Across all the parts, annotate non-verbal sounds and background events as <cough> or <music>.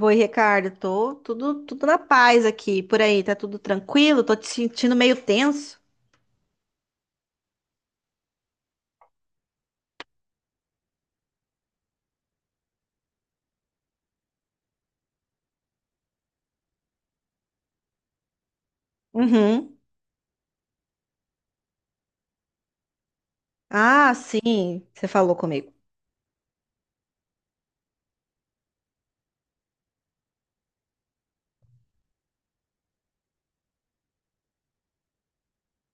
Oi, Ricardo, tô tudo na paz aqui. Por aí, tá tudo tranquilo? Tô te sentindo meio tenso. Uhum. Ah, sim, você falou comigo.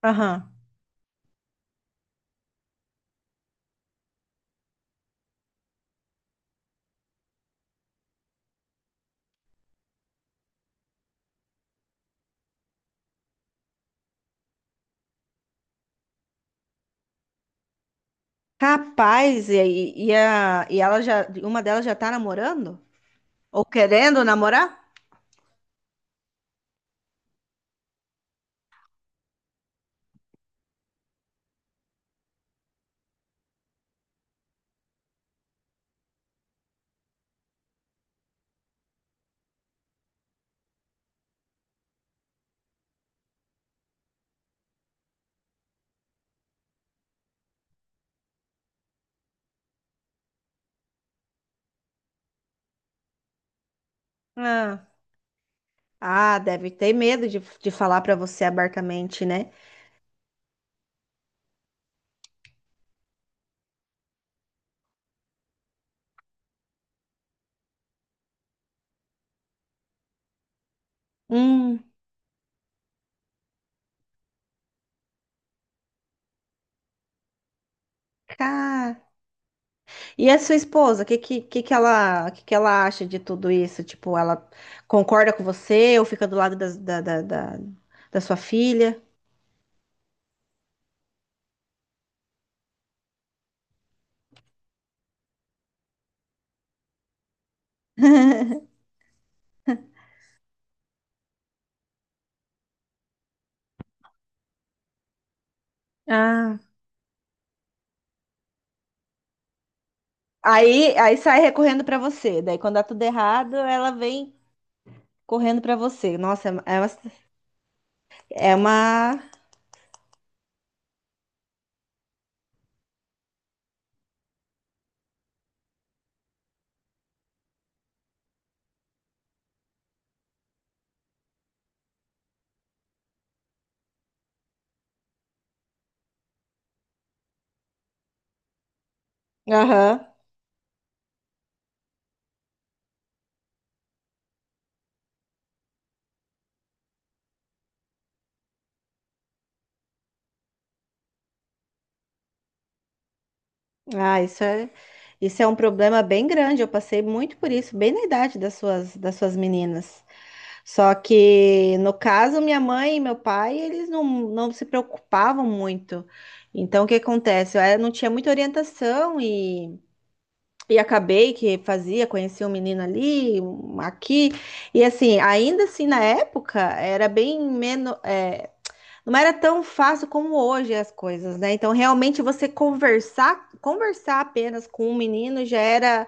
Aham. Capaz, e ela já, uma delas já tá namorando? Ou querendo namorar? Ah, Ah, deve ter medo de falar pra você abertamente, né? Hum. E a sua esposa, o que que ela acha de tudo isso? Tipo, ela concorda com você ou fica do lado da da sua filha? Ah. Aí, aí sai recorrendo pra você. Daí, quando dá tudo errado, ela vem correndo pra você. Nossa, é uma. É uma... Aham. Ah, isso é um problema bem grande. Eu passei muito por isso, bem na idade das suas meninas. Só que, no caso, minha mãe e meu pai, eles não se preocupavam muito. Então, o que acontece? Eu era- não tinha muita orientação e acabei que fazia, conheci um menino ali, um aqui. E assim, ainda assim, na época, era bem menos. Não era tão fácil como hoje as coisas, né? Então, realmente, você conversar apenas com um menino já era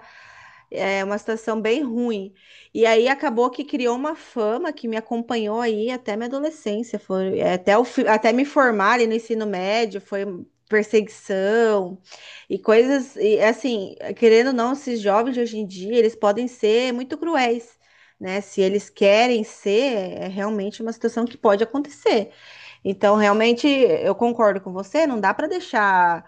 é uma situação bem ruim. E aí acabou que criou uma fama que me acompanhou aí até minha adolescência. Foi, é, até, o, fi- até me formar ali no ensino médio, foi perseguição e coisas. E assim, querendo ou não, esses jovens de hoje em dia, eles podem ser muito cruéis. Né? Se eles querem ser, é realmente uma situação que pode acontecer. Então, realmente, eu concordo com você, não dá para deixar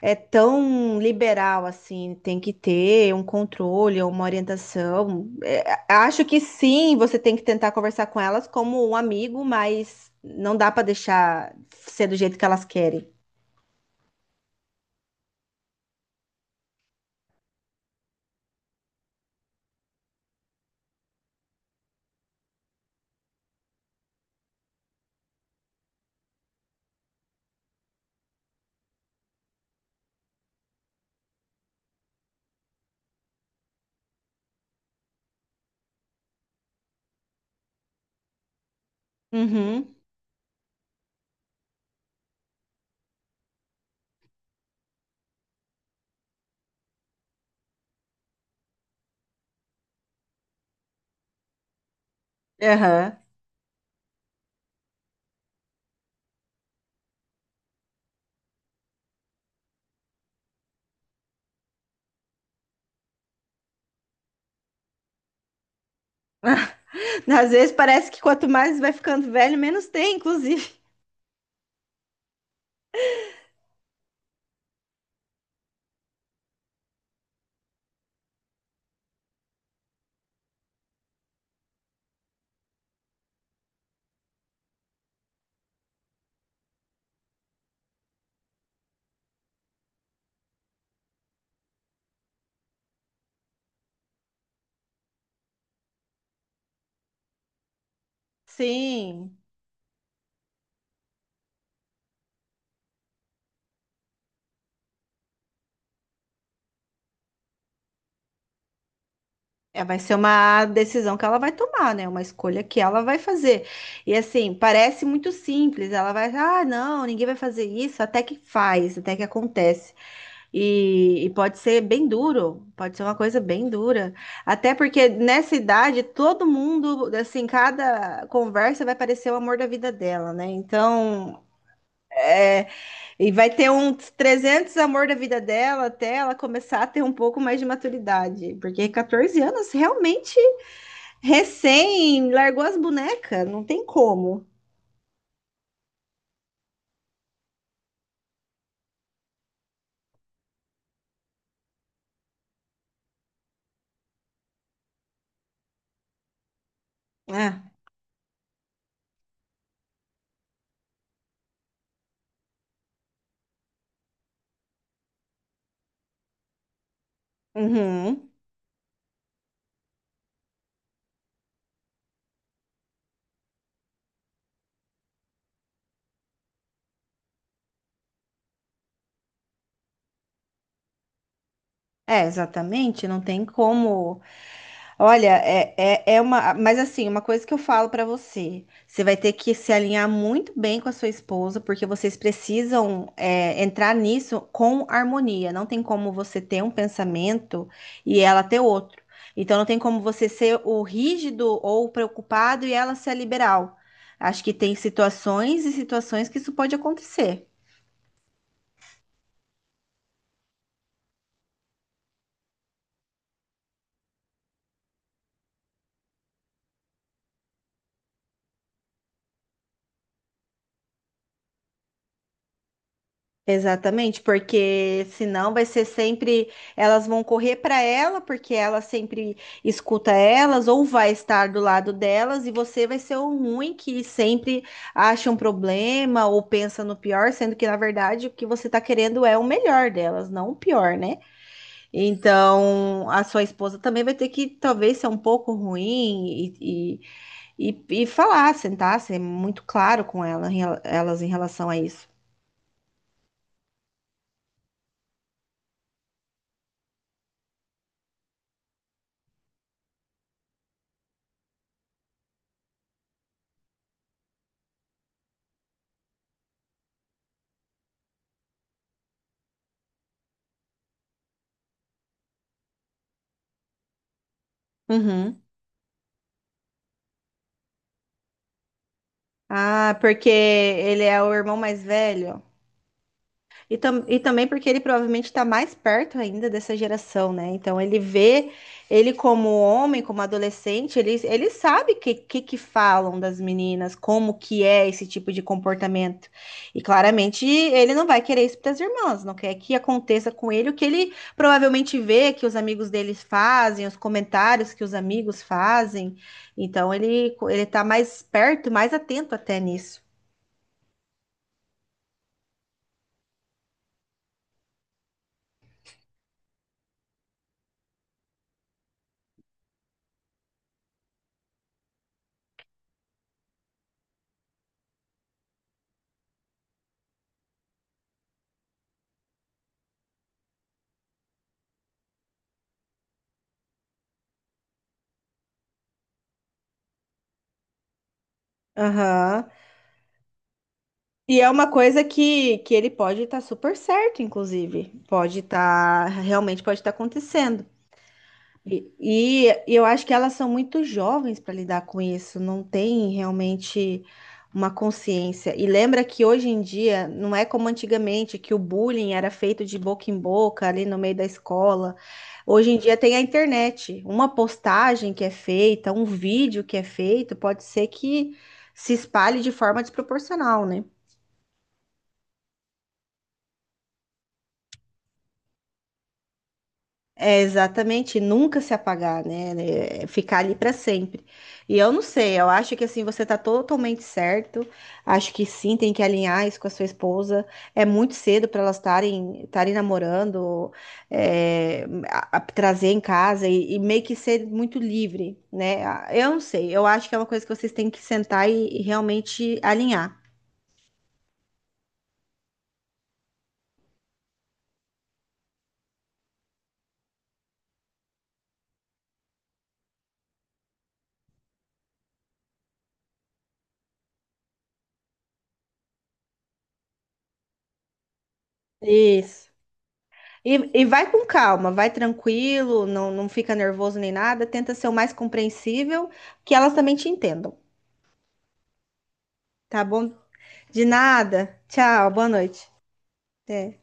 é tão liberal assim, tem que ter um controle, uma orientação. É, acho que sim, você tem que tentar conversar com elas como um amigo, mas não dá para deixar ser do jeito que elas querem. Uhum. Aham. Às vezes parece que quanto mais vai ficando velho, menos tem, inclusive. <laughs> Sim, é, vai ser uma decisão que ela vai tomar, né? Uma escolha que ela vai fazer. E assim, parece muito simples. Ela vai, ah, não, ninguém vai fazer isso, até que faz, até que acontece. E pode ser bem duro, pode ser uma coisa bem dura. Até porque nessa idade, todo mundo, assim, cada conversa vai parecer o amor da vida dela, né? Então, é, e vai ter uns 300 amor da vida dela até ela começar a ter um pouco mais de maturidade. Porque 14 anos, realmente, recém, largou as bonecas, não tem como. É, uhum. É, exatamente, não tem como. Olha, é uma. Mas assim, uma coisa que eu falo pra você: você vai ter que se alinhar muito bem com a sua esposa, porque vocês precisam, é, entrar nisso com harmonia. Não tem como você ter um pensamento e ela ter outro. Então, não tem como você ser o rígido ou o preocupado e ela ser a liberal. Acho que tem situações e situações que isso pode acontecer. Exatamente, porque senão vai ser sempre elas vão correr para ela, porque ela sempre escuta elas, ou vai estar do lado delas, e você vai ser o ruim que sempre acha um problema ou pensa no pior, sendo que na verdade o que você está querendo é o melhor delas, não o pior, né? Então a sua esposa também vai ter que talvez ser um pouco ruim e falar, sentar, ser muito claro com ela, em rela- elas em relação a isso. Uhum. Ah, porque ele é o irmão mais velho. E, tam e também porque ele provavelmente está mais perto ainda dessa geração, né? Então ele vê ele como homem, como adolescente, ele sabe o que que falam das meninas, como que é esse tipo de comportamento. E claramente ele não vai querer isso para as irmãs, não quer que aconteça com ele o que ele provavelmente vê que os amigos deles fazem, os comentários que os amigos fazem. Então ele tá mais perto, mais atento até nisso. Aham. E é uma coisa que ele pode estar super certo, inclusive. Pode estar, realmente pode estar acontecendo. E, e eu acho que elas são muito jovens para lidar com isso, não tem realmente uma consciência. E lembra que hoje em dia não é como antigamente, que o bullying era feito de boca em boca ali no meio da escola. Hoje em dia tem a internet. Uma postagem que é feita, um vídeo que é feito, pode ser que se espalhe de forma desproporcional, né? É exatamente, nunca se apagar, né? É. Ficar ali para sempre. E eu não sei, eu acho que assim você tá totalmente certo. Acho que sim, tem que alinhar isso com a sua esposa. É muito cedo para elas estarem namorando, é, a- trazer em casa e meio que ser muito livre, né? Ah, eu não sei, eu acho que é uma coisa que vocês têm que sentar e realmente alinhar. Isso. E vai com calma, vai tranquilo, não fica nervoso nem nada, tenta ser o mais compreensível, que elas também te entendam, tá bom? De nada. Tchau, boa noite. Até.